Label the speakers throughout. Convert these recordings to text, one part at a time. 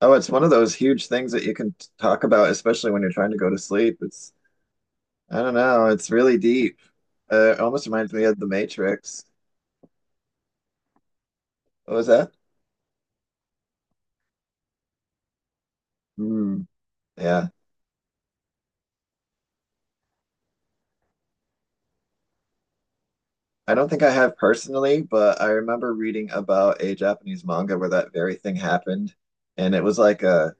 Speaker 1: Oh, it's one of those huge things that you can talk about, especially when you're trying to go to sleep. It's, I don't know, it's really deep. It almost reminds me of The Matrix. What was that? Hmm. Yeah. I don't think I have personally, but I remember reading about a Japanese manga where that very thing happened. And it was like a,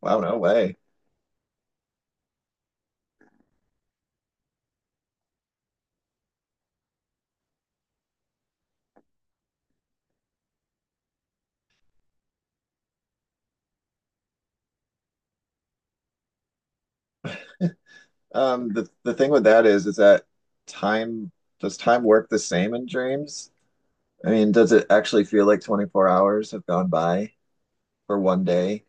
Speaker 1: wow, no way. The thing with that is that time, does time work the same in dreams? I mean, does it actually feel like 24 hours have gone by? For one day.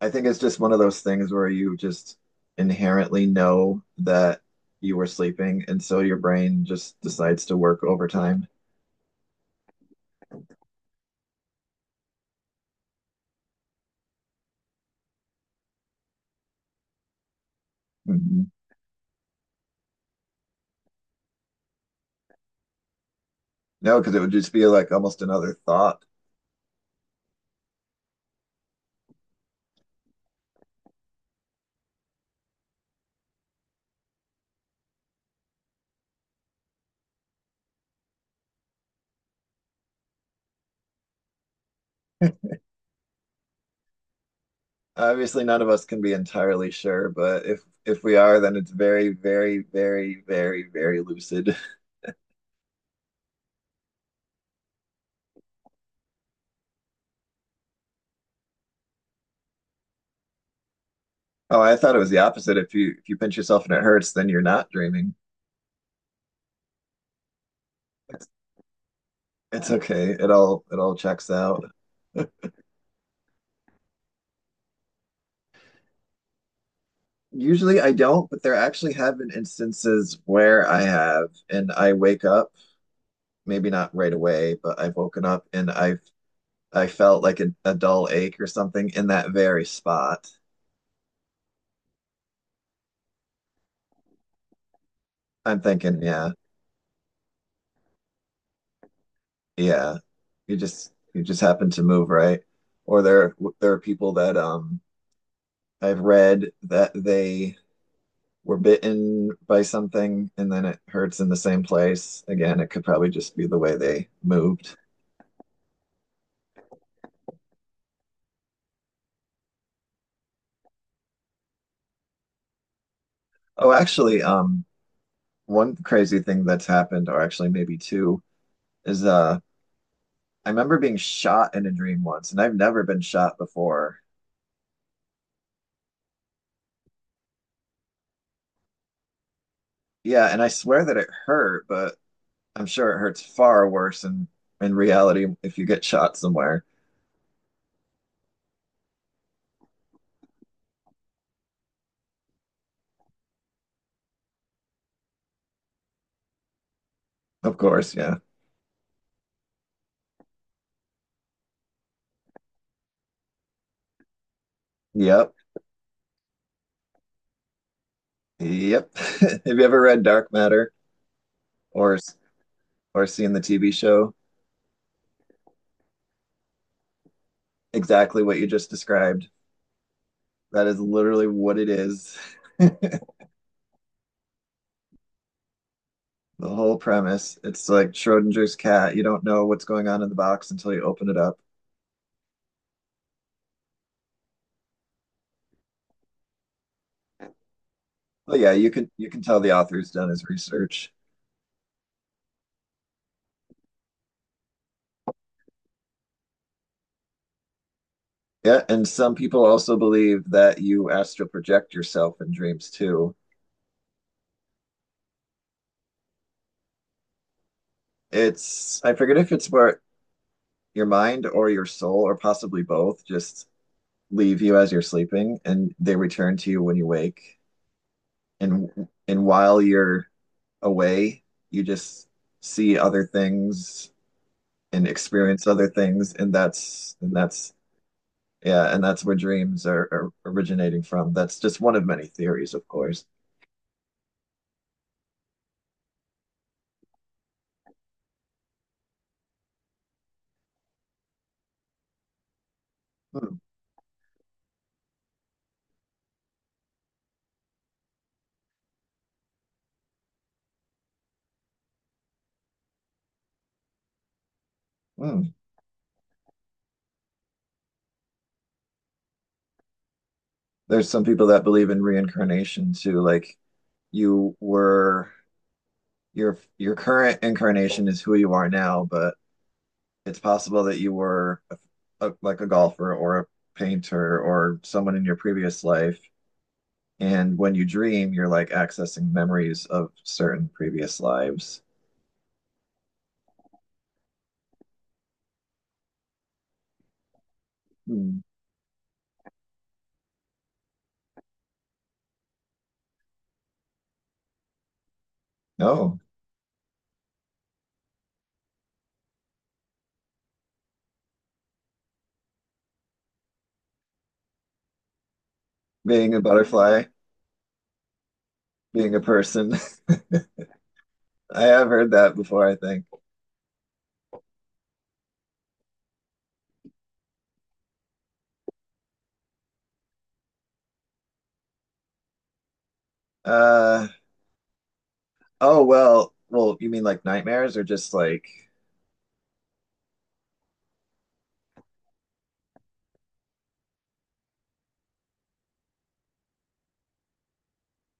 Speaker 1: I think it's just one of those things where you just inherently know that you were sleeping, and so your brain just decides to work overtime. Mhm. No, because it would just be like almost another thought. Obviously, none of us can be entirely sure, but if we are, then it's very, very, very, very, very lucid. Oh, I thought it was the opposite. If you pinch yourself and it hurts, then you're not dreaming. It's, it's okay. It all checks out. Usually I don't, but there actually have been instances where I have, and I wake up, maybe not right away, but I've woken up and I felt like a dull ache or something in that very spot. I'm thinking, yeah, Yeah, you just happen to move right, or there are people that I've read that they were bitten by something and then it hurts in the same place. Again, it could probably just be the way they moved. Oh, actually, one crazy thing that's happened, or actually maybe two, is I remember being shot in a dream once, and I've never been shot before. Yeah, and I swear that it hurt, but I'm sure it hurts far worse in reality if you get shot somewhere. Of course, yeah. Yep. Yep. Have you ever read Dark Matter or s- or seen the TV show? Exactly what you just described. That is literally what it is. The whole premise. It's like Schrodinger's cat. You don't know what's going on in the box until you open it up. But yeah, you can tell the author's done his research. Yeah, and some people also believe that you astral project yourself in dreams too. It's I forget if it's where your mind or your soul or possibly both just leave you as you're sleeping and they return to you when you wake and and while you're away you just see other things and experience other things and that's yeah and that's where dreams are originating from that's just one of many theories of course. Hmm, hmm. There's some people that believe in reincarnation too like you were your current incarnation is who you are now but it's possible that you were a, like a golfer or a painter or someone in your previous life. And when you dream, you're like accessing memories of certain previous lives. Hmm. Oh, being a butterfly, being a person. I have heard that before, I think. Uh, oh, well, you mean like nightmares or just like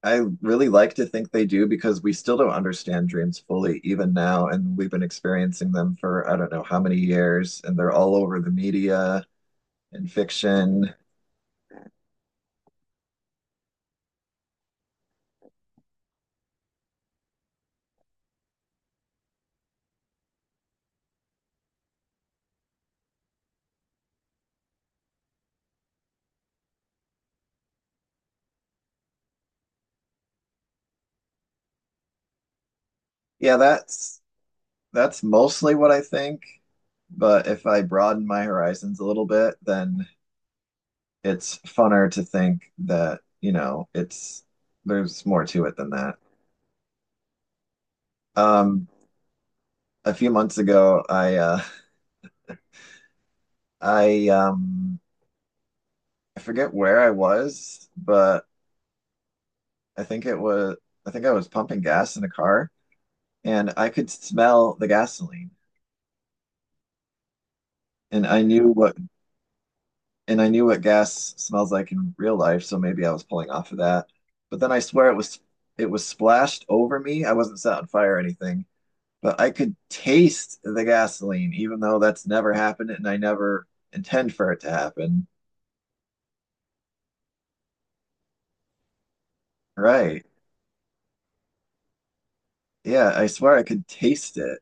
Speaker 1: I really like to think they do because we still don't understand dreams fully, even now. And we've been experiencing them for I don't know how many years, and they're all over the media and fiction. Yeah, that's mostly what I think. But if I broaden my horizons a little bit, then it's funner to think that, you know, it's there's more to it than that. Um, a few months ago, I um I forget where I was, but I think it was I think I was pumping gas in a car and I could smell the gasoline and I knew what and I knew what gas smells like in real life, so maybe I was pulling off of that. But then I swear it was splashed over me. I wasn't set on fire or anything, but I could taste the gasoline even though that's never happened and I never intend for it to happen. Right. Yeah, I swear I could taste it.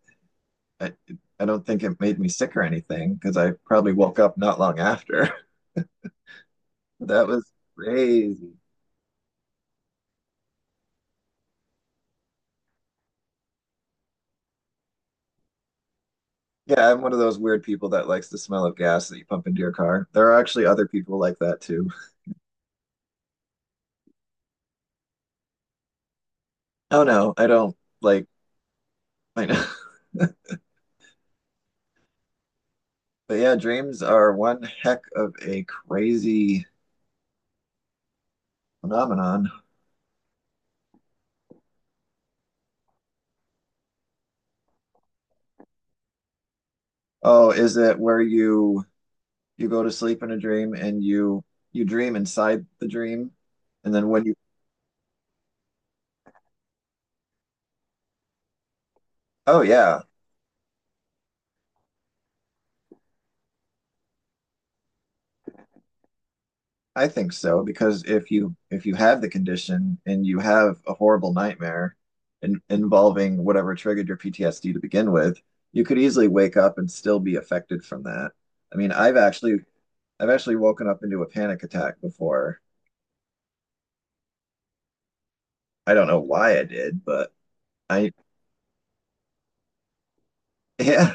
Speaker 1: I, I don't think it made me sick or anything because I probably woke up not long after. That was crazy. Yeah, I'm one of those weird people that likes the smell of gas that you pump into your car. There are actually other people like that too. Oh no, I don't like, I know. But yeah, dreams are one heck of a crazy phenomenon. Oh, is it where you go to sleep in a dream and you dream inside the dream and then when you Oh yeah. I think so because if you have the condition and you have a horrible nightmare involving whatever triggered your PTSD to begin with, you could easily wake up and still be affected from that. I mean, I've actually woken up into a panic attack before. I don't know why I did, but I yeah.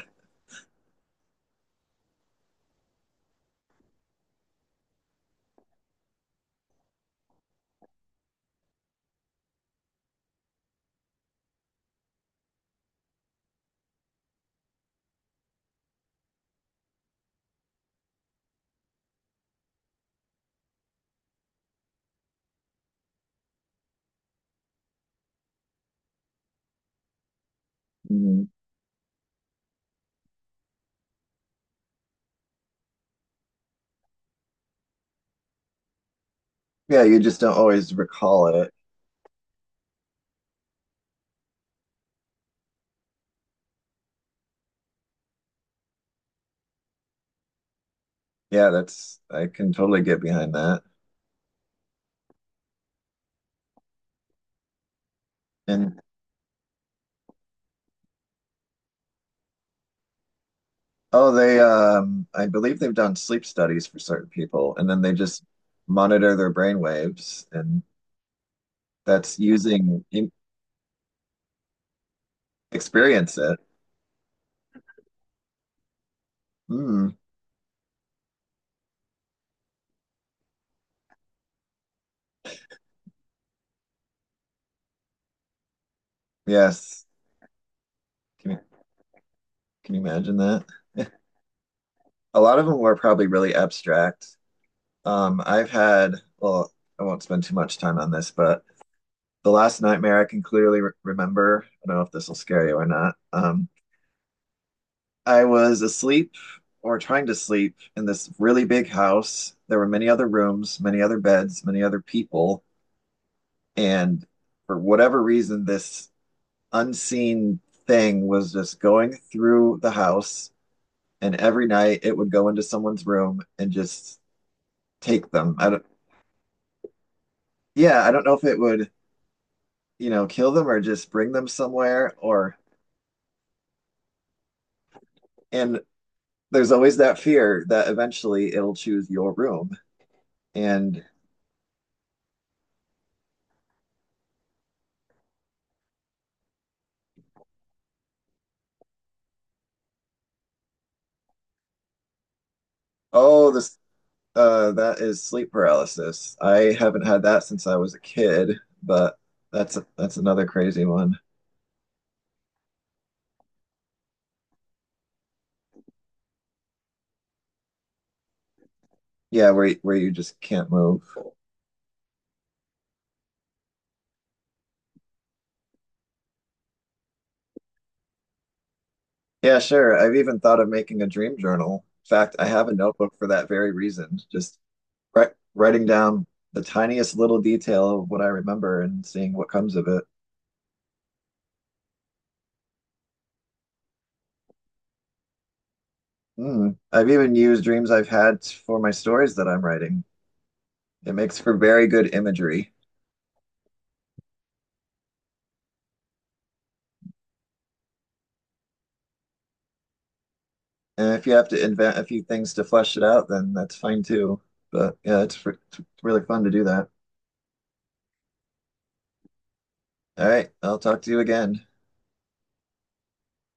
Speaker 1: Mhm. Yeah, you just don't always recall it. Yeah, that's I can totally get behind that. And oh, they I believe they've done sleep studies for certain people, and then they just monitor their brain waves, and that's using in, experience it. Mm, yes. Can you can you imagine that? A lot of them were probably really abstract. I've had, well, I won't spend too much time on this, but the last nightmare I can clearly re remember. I don't know if this will scare you or not. I was asleep or trying to sleep in this really big house. There were many other rooms, many other beds, many other people. And for whatever reason, this unseen thing was just going through the house. And every night it would go into someone's room and just take them. I don't, yeah, I don't know if it would, you know, kill them or just bring them somewhere, or and there's always that fear that eventually it'll choose your room. And oh, the that is sleep paralysis. I haven't had that since I was a kid, but that's another crazy one. Yeah, where you just can't move. Yeah, sure. I've even thought of making a dream journal. In fact, I have a notebook for that very reason. Just writing down the tiniest little detail of what I remember and seeing what comes of it. Mm. I've even used dreams I've had for my stories that I'm writing. It makes for very good imagery. And if you have to invent a few things to flesh it out, then that's fine too. But yeah, it's really fun to do that. All right, I'll talk to you again.